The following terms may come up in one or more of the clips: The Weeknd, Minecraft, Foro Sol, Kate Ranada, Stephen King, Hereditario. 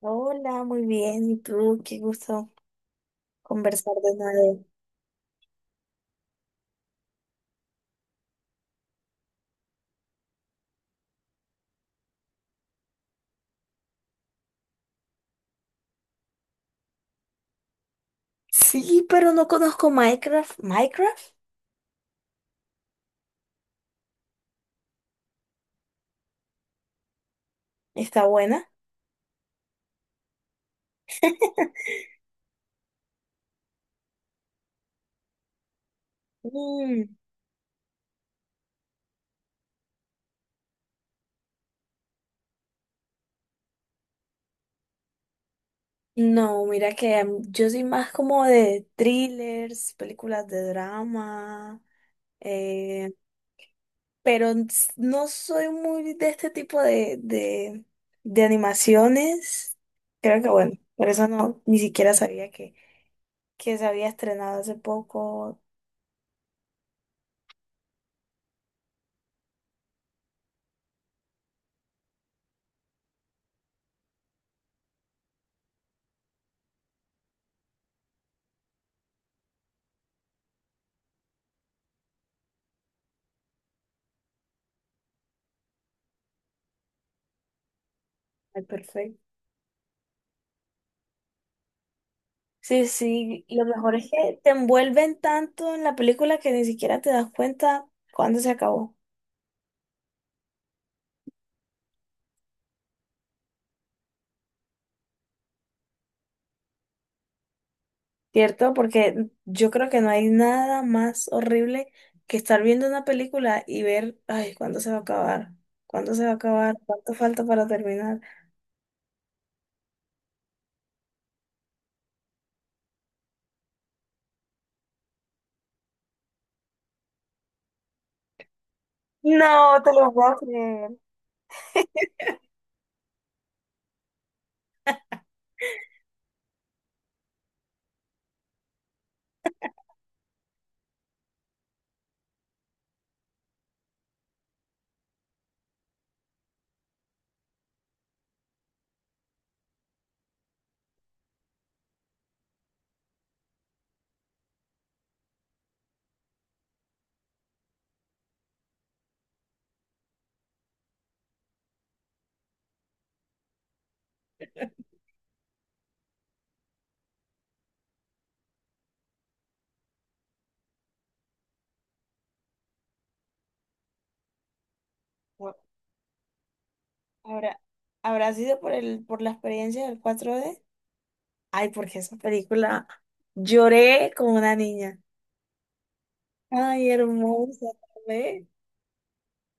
Hola, muy bien. ¿Y tú? Qué gusto conversar de nuevo. Sí, pero no conozco Minecraft. ¿Minecraft? ¿Está buena? Mm, no, mira que yo soy más como de thrillers, películas de drama, eh, pero no soy muy de este tipo de animaciones. Creo que bueno, por eso no, ni siquiera sabía que se había estrenado hace poco. Ay, perfecto. Sí, sí, lo mejor es que te envuelven tanto en la película que ni siquiera te das cuenta cuándo se acabó, ¿cierto? Porque yo creo que no hay nada más horrible que estar viendo una película y ver, ay, ¿cuándo se va a acabar? ¿Cuándo se va a acabar? ¿Cuánto falta para terminar? No, te lo puedo creer. Bueno, ¿Habrá, habrá sido por la experiencia del 4D. Ay, porque esa película lloré como una niña. Ay, hermosa, ¿ve?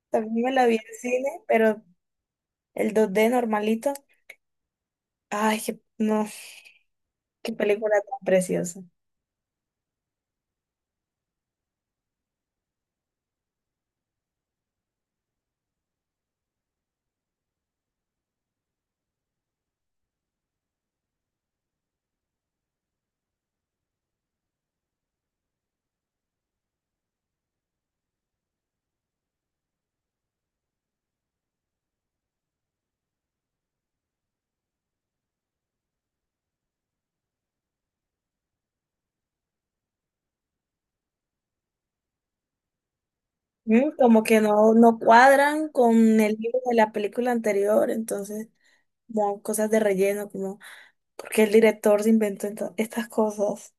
También me la vi en cine, pero el 2D normalito. Ay, que no, qué película tan preciosa. Como que no cuadran con el libro de la película anterior, entonces, como cosas de relleno, como, ¿porque el director se inventó estas cosas?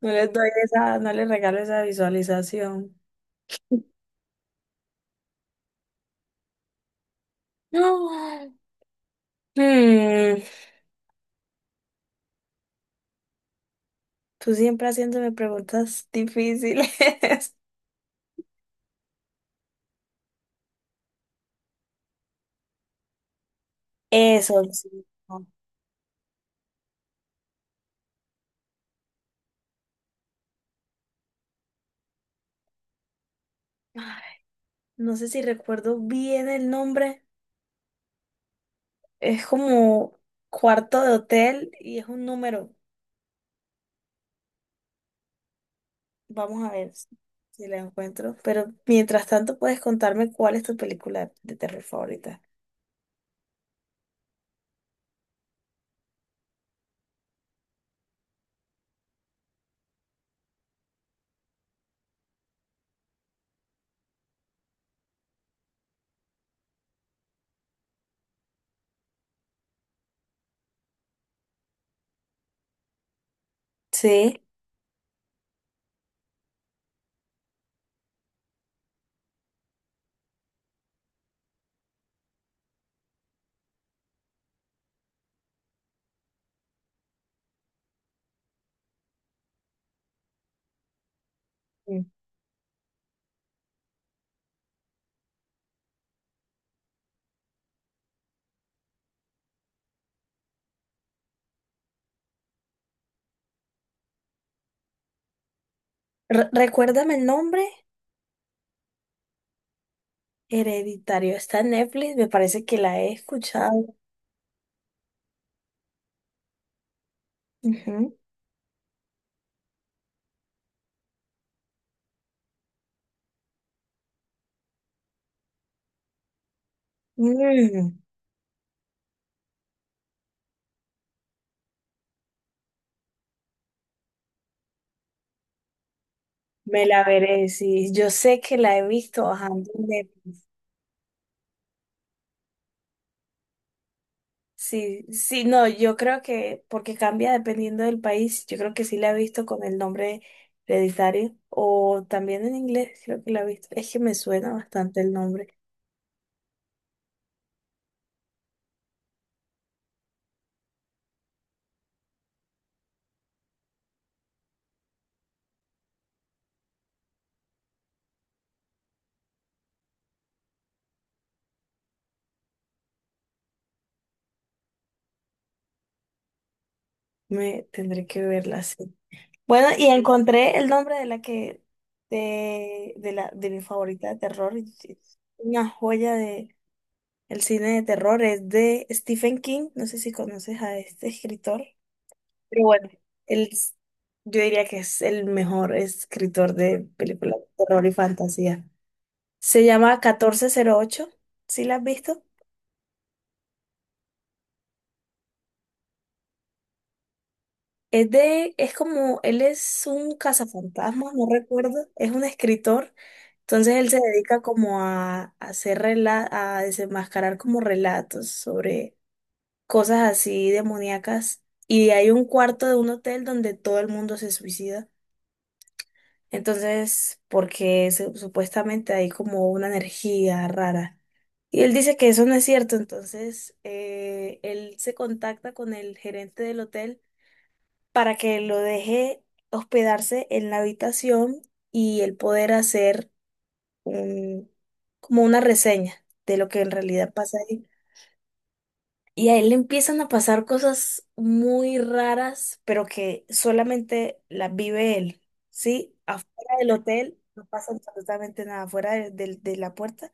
No les doy esa, no les regalo esa visualización. No. Mm, tú siempre haciéndome preguntas difíciles. Eso sí. No. Ay, no sé si recuerdo bien el nombre. Es como cuarto de hotel y es un número. Vamos a ver si, si la encuentro. Pero mientras tanto, puedes contarme cuál es tu película de terror favorita. Sí. Mm. Recuérdame el nombre. Hereditario. Está en Netflix. Me parece que la he escuchado. Ujú. Mm, Me la veré. Sí, yo sé que la he visto bajando. Sí, sí, no, yo creo que porque cambia dependiendo del país, yo creo que sí la he visto con el nombre hereditario o también en inglés, creo que la he visto. Es que me suena bastante el nombre, me tendré que verla así. Bueno, y encontré el nombre de la que de la de mi favorita de terror, y sí, es una joya de el cine de terror, es de Stephen King, no sé si conoces a este escritor. Pero bueno, él, yo diría que es el mejor escritor de películas de terror y fantasía. Se llama 1408, ¿sí la has visto? Es de, es como, él es un cazafantasmas, no recuerdo, es un escritor, entonces él se dedica como a hacer a desenmascarar como relatos sobre cosas así demoníacas. Y hay un cuarto de un hotel donde todo el mundo se suicida. Entonces, porque supuestamente hay como una energía rara. Y él dice que eso no es cierto, entonces él se contacta con el gerente del hotel para que lo deje hospedarse en la habitación y él poder hacer un, como una reseña de lo que en realidad pasa ahí. Y a él le empiezan a pasar cosas muy raras, pero que solamente las vive él, ¿sí? Afuera del hotel no pasa absolutamente nada, afuera de la puerta.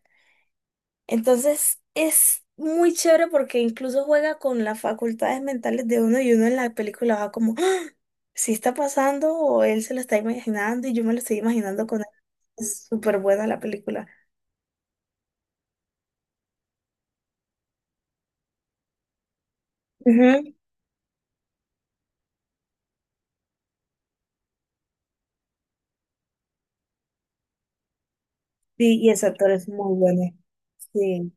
Entonces es muy chévere porque incluso juega con las facultades mentales de uno y uno en la película va como, ¡ah! ¿Sí está pasando o él se lo está imaginando y yo me lo estoy imaginando con él? Es súper buena la película. Ujú. Sí, y ese actor es muy bueno. Sí.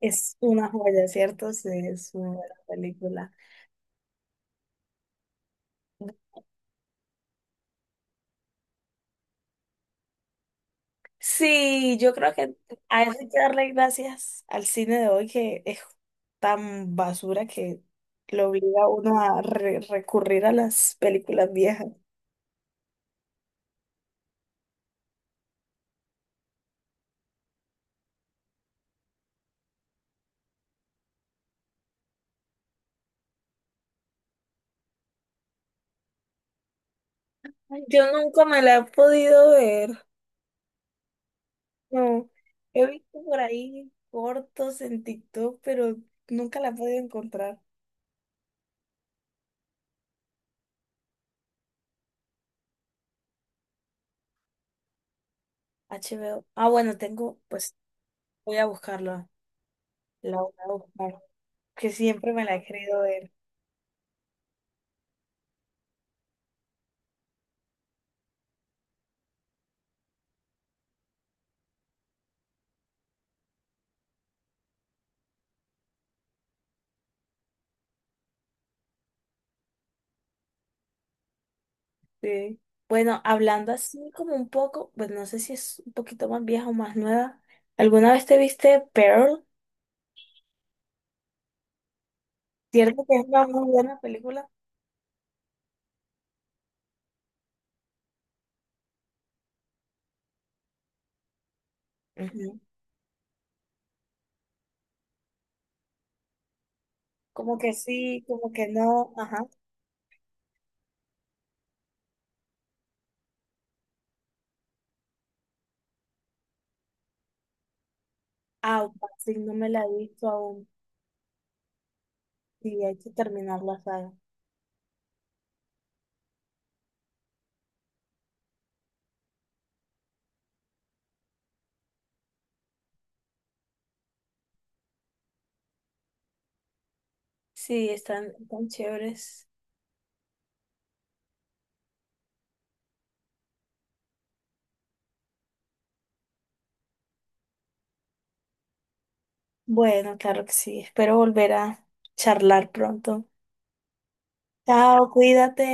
Es una joya, ¿cierto? Sí, es una buena película. Sí, yo creo que hay que darle gracias al cine de hoy que es tan basura que lo obliga a uno a recurrir a las películas viejas. Yo nunca me la he podido ver. No, he visto por ahí cortos en TikTok, pero nunca la he podido encontrar. HBO. Ah, bueno, tengo, pues voy a buscarla. La voy a buscar, que siempre me la he querido ver. Sí. Bueno, hablando así como un poco, pues no sé si es un poquito más vieja o más nueva. ¿Alguna vez te viste Pearl? ¿Cierto que es una muy buena película? Ujú. Como que sí, como que no. Ajá. Ah, ok, sí, no me la he visto aún. Sí, hay que terminar la saga. Sí, están tan chéveres. Bueno, claro que sí. Espero volver a charlar pronto. Chao, cuídate.